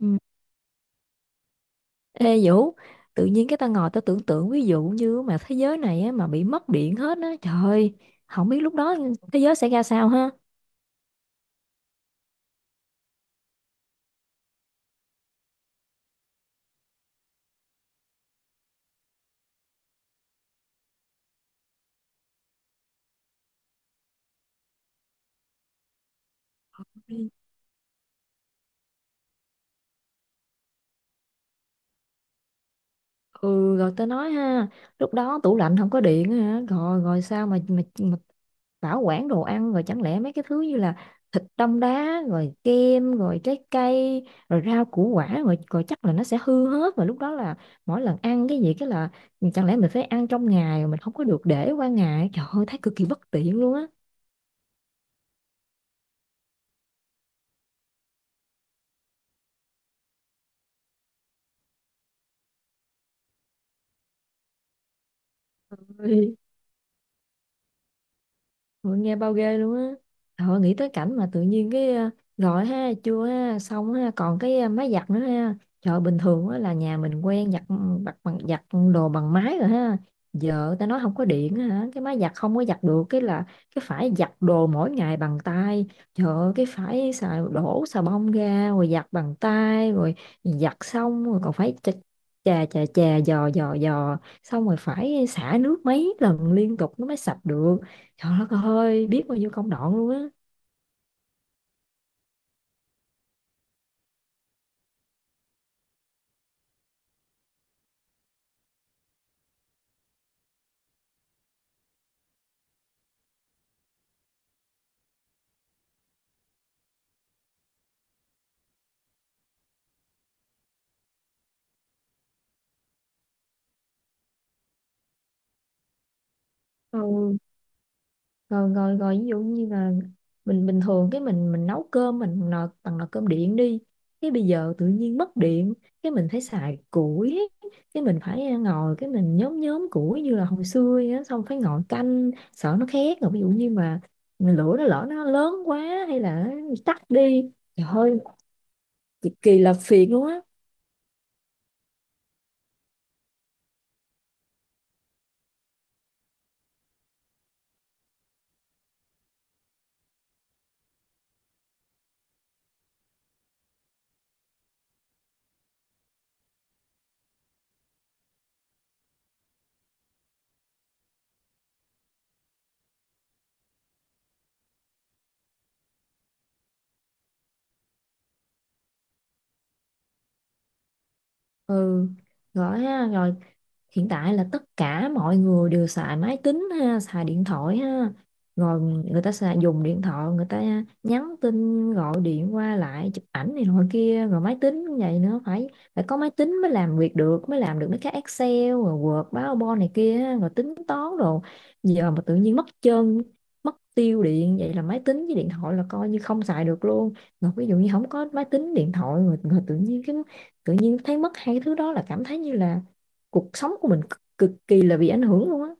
Ừ. Ê Vũ, tự nhiên cái tao ngồi tao tưởng tượng ví dụ như mà thế giới này á, mà bị mất điện hết á, trời ơi, không biết lúc đó thế giới sẽ ra sao ha. Ừ, rồi tao nói ha, lúc đó tủ lạnh không có điện á hả, rồi rồi sao mà bảo quản đồ ăn, rồi chẳng lẽ mấy cái thứ như là thịt đông đá rồi kem rồi trái cây rồi rau củ quả rồi rồi chắc là nó sẽ hư hết. Và lúc đó là mỗi lần ăn cái gì cái là chẳng lẽ mình phải ăn trong ngày mà mình không có được để qua ngày, trời ơi, thấy cực kỳ bất tiện luôn á. Ui, ôi, nghe bao ghê luôn á. Thôi nghĩ tới cảnh mà tự nhiên cái gọi ha chưa ha xong ha còn cái máy giặt nữa ha. Trời bình thường á là nhà mình quen giặt, ừ, bặt bằng giặt đồ bằng máy rồi ha. Giờ ta nói không có điện á hả, cái máy giặt không có giặt được, cái là cái phải giặt đồ mỗi ngày bằng tay. Trời ơi, cái phải xài đổ xà bông ra rồi giặt bằng tay rồi, giặt xong rồi còn phải chà chà chà chà, dò dò dò, xong rồi phải xả nước mấy lần liên tục nó mới sạch được. Trời đất ơi, biết bao nhiêu công đoạn luôn á. Ừ, rồi rồi rồi ví dụ như là mình bình thường cái mình nấu cơm, mình nồi bằng nồi cơm điện đi, cái bây giờ tự nhiên mất điện, cái mình phải xài củi, cái mình phải ngồi cái mình nhóm nhóm củi như là hồi xưa vậy á, xong phải ngồi canh sợ nó khét, rồi ví dụ như mà lửa nó lỡ nó lớn quá hay là nó tắt đi, trời ơi, cực kỳ là phiền luôn á. Ừ rồi ha, rồi hiện tại là tất cả mọi người đều xài máy tính ha, xài điện thoại ha, rồi người ta dùng điện thoại, người ta nhắn tin gọi điện qua lại chụp ảnh này nọ kia, rồi máy tính cũng vậy nữa, phải phải có máy tính mới làm việc được, mới làm được mấy cái Excel rồi Word PowerPoint này kia ha, rồi tính toán. Rồi giờ mà tự nhiên mất tiêu điện vậy là máy tính với điện thoại là coi như không xài được luôn. Rồi ví dụ như không có máy tính điện thoại rồi, tự nhiên thấy mất hai cái thứ đó là cảm thấy như là cuộc sống của mình cực kỳ là bị ảnh hưởng luôn á.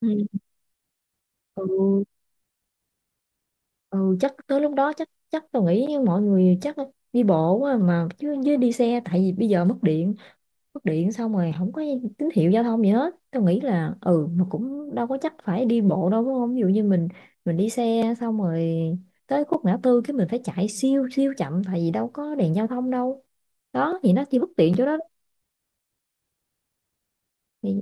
Ừ. Ừ, ừ, chắc tới lúc đó chắc chắc tôi nghĩ như mọi người chắc đi bộ quá mà, chứ chứ đi xe tại vì bây giờ mất điện xong rồi không có tín hiệu giao thông gì hết, tôi nghĩ là mà cũng đâu có chắc phải đi bộ đâu đúng không, ví dụ như mình đi xe xong rồi tới khúc ngã tư cái mình phải chạy siêu siêu chậm tại vì đâu có đèn giao thông đâu, đó thì nó chỉ bất tiện chỗ đó. thì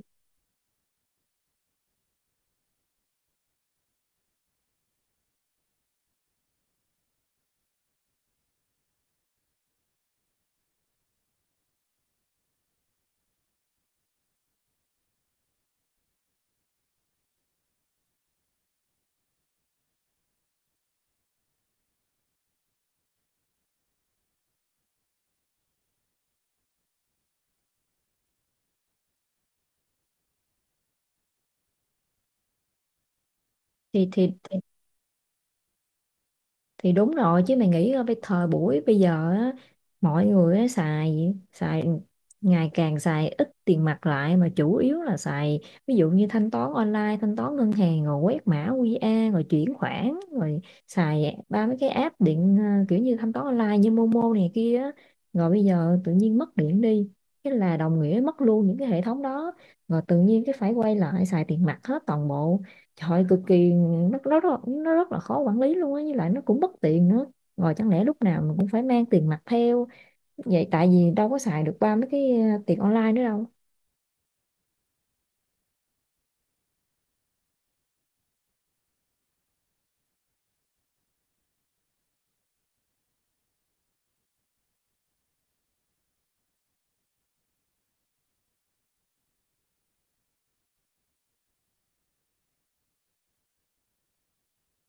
thì thì thì đúng rồi chứ mày nghĩ, thời buổi bây giờ á, mọi người á, xài xài ngày càng xài ít tiền mặt lại mà chủ yếu là xài ví dụ như thanh toán online, thanh toán ngân hàng rồi quét mã QR rồi chuyển khoản, rồi xài ba mấy cái app điện, kiểu như thanh toán online như Momo này kia á. Rồi bây giờ tự nhiên mất điện đi, cái là đồng nghĩa mất luôn những cái hệ thống đó, rồi tự nhiên cái phải quay lại xài tiền mặt hết toàn bộ. Trời cực kỳ nó rất là khó quản lý luôn á, với lại nó cũng bất tiện nữa. Rồi chẳng lẽ lúc nào mình cũng phải mang tiền mặt theo vậy, tại vì đâu có xài được ba mấy cái tiền online nữa đâu.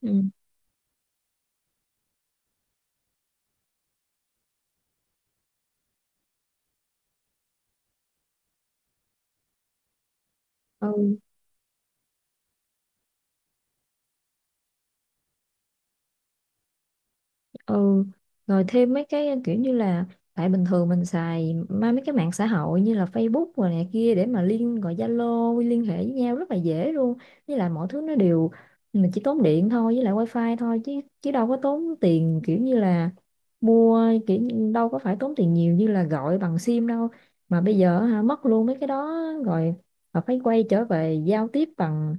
Ừ. Ừ, ừ, rồi thêm mấy cái kiểu như là tại bình thường mình xài mấy cái mạng xã hội như là Facebook rồi này kia để mà liên gọi Zalo liên hệ với nhau rất là dễ luôn, với lại mọi thứ nó đều mình chỉ tốn điện thôi với lại wifi thôi, chứ chứ đâu có tốn tiền kiểu như là đâu có phải tốn tiền nhiều như là gọi bằng sim đâu. Mà bây giờ hả, mất luôn mấy cái đó rồi, mà phải quay trở về giao tiếp bằng,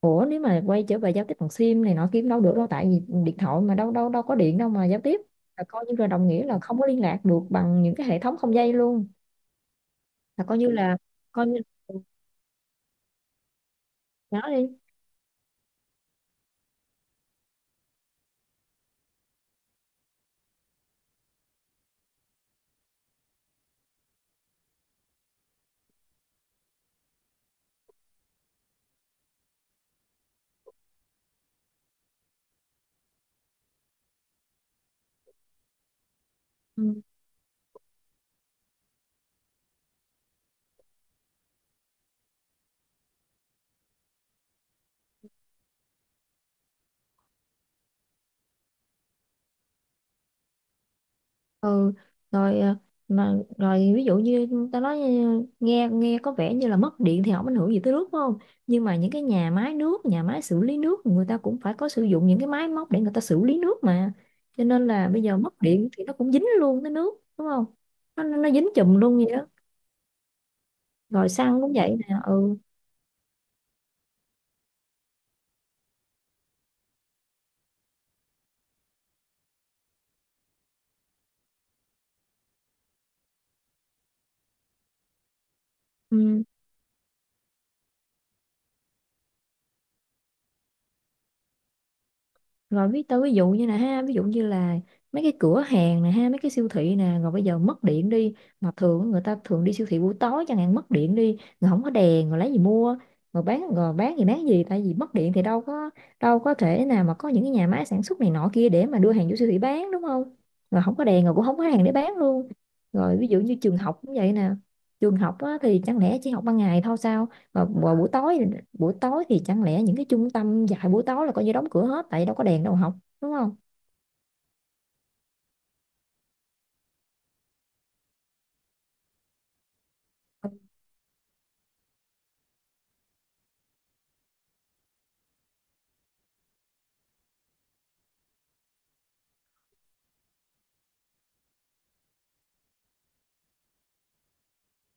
nếu mà quay trở về giao tiếp bằng sim này nọ kiếm đâu được đâu, tại vì điện thoại mà đâu đâu đâu có điện đâu mà giao tiếp, là coi như là đồng nghĩa là không có liên lạc được bằng những cái hệ thống không dây luôn, là coi như nói đi. Ừ. Ừ, rồi mà rồi ví dụ như ta nói nghe nghe có vẻ như là mất điện thì không ảnh hưởng gì tới nước đúng không, nhưng mà những cái nhà máy nước, nhà máy xử lý nước người ta cũng phải có sử dụng những cái máy móc để người ta xử lý nước mà, cho nên là bây giờ mất điện thì nó cũng dính luôn tới nước đúng không, nó dính chùm luôn vậy đó. Rồi xăng cũng vậy nè. Ừ, ừ, rồi tao ví dụ như là ha, ví dụ như là mấy cái cửa hàng nè ha, mấy cái siêu thị nè, rồi bây giờ mất điện đi, mà thường người ta thường đi siêu thị buổi tối chẳng hạn, mất điện đi rồi không có đèn rồi lấy gì mua, rồi bán gì tại vì mất điện thì đâu có thể nào mà có những cái nhà máy sản xuất này nọ kia để mà đưa hàng vô siêu thị bán đúng không, rồi không có đèn rồi cũng không có hàng để bán luôn. Rồi ví dụ như trường học cũng vậy nè, trường học á, thì chẳng lẽ chỉ học ban ngày thôi sao, và buổi tối thì chẳng lẽ những cái trung tâm dạy buổi tối là coi như đóng cửa hết tại vì đâu có đèn đâu học, đúng không.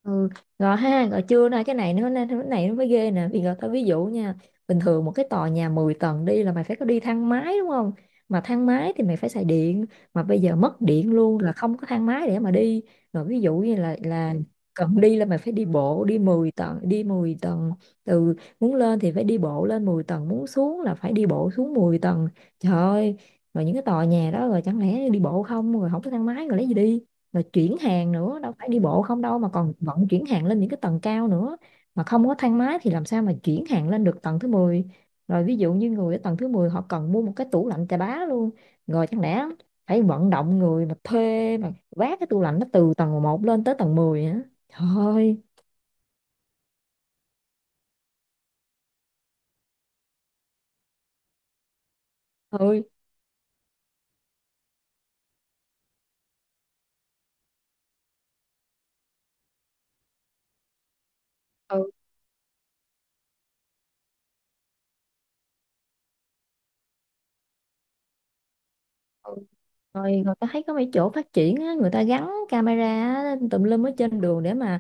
Ừ, gò ha, gò chưa nói cái này nữa nên cái này nó mới ghê nè, vì gò tao ví dụ nha, bình thường một cái tòa nhà 10 tầng đi là mày phải có đi thang máy đúng không, mà thang máy thì mày phải xài điện, mà bây giờ mất điện luôn là không có thang máy để mà đi. Rồi ví dụ như là cần đi là mày phải đi bộ đi 10 tầng, đi 10 tầng từ muốn lên thì phải đi bộ lên 10 tầng, muốn xuống là phải đi bộ xuống 10 tầng, trời ơi. Rồi những cái tòa nhà đó rồi chẳng lẽ đi bộ không, rồi không có thang máy rồi lấy gì đi. Rồi chuyển hàng nữa, đâu phải đi bộ không đâu mà còn vận chuyển hàng lên những cái tầng cao nữa, mà không có thang máy thì làm sao mà chuyển hàng lên được tầng thứ mười. Rồi ví dụ như người ở tầng thứ 10 họ cần mua một cái tủ lạnh chà bá luôn, rồi chẳng lẽ phải vận động người mà thuê mà vác cái tủ lạnh nó từ tầng một lên tới tầng 10 hả, trời ơi ơi. Ừ, ừ. Rồi người ta thấy có mấy chỗ phát triển á, người ta gắn camera á, tùm lum ở trên đường để mà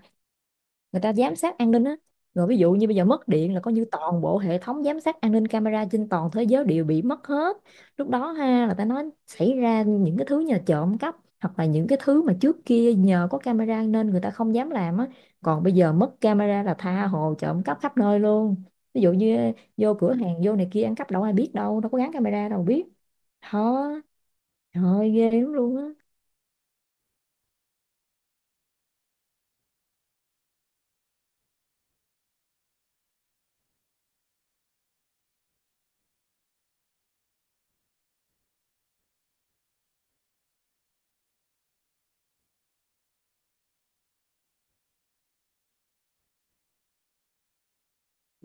người ta giám sát an ninh á, rồi ví dụ như bây giờ mất điện là coi như toàn bộ hệ thống giám sát an ninh camera trên toàn thế giới đều bị mất hết. Lúc đó ha là ta nói xảy ra những cái thứ nhờ trộm cắp, hoặc là những cái thứ mà trước kia nhờ có camera nên người ta không dám làm á, còn bây giờ mất camera là tha hồ trộm cắp khắp nơi luôn, ví dụ như vô cửa hàng vô này kia ăn cắp đâu ai biết, đâu đâu có gắn camera đâu biết. Thôi, trời ơi, ghê lắm luôn á.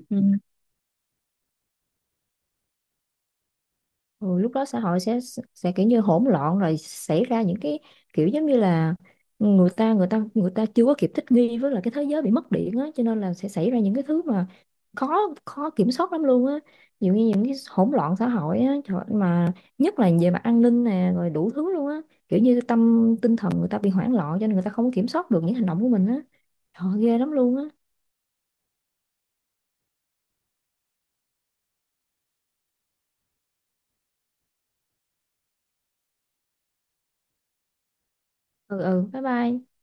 Ừ. Ừ, lúc đó xã hội sẽ kiểu như hỗn loạn, rồi xảy ra những cái kiểu giống như là người ta chưa có kịp thích nghi với là cái thế giới bị mất điện á, cho nên là sẽ xảy ra những cái thứ mà khó khó kiểm soát lắm luôn á. Ví dụ như những cái hỗn loạn xã hội á, trời ơi, mà nhất là về mặt an ninh nè rồi đủ thứ luôn á, kiểu như tinh thần người ta bị hoảng loạn cho nên người ta không có kiểm soát được những hành động của mình á, trời ơi, ghê lắm luôn á. Ừ, ừ, bye bye.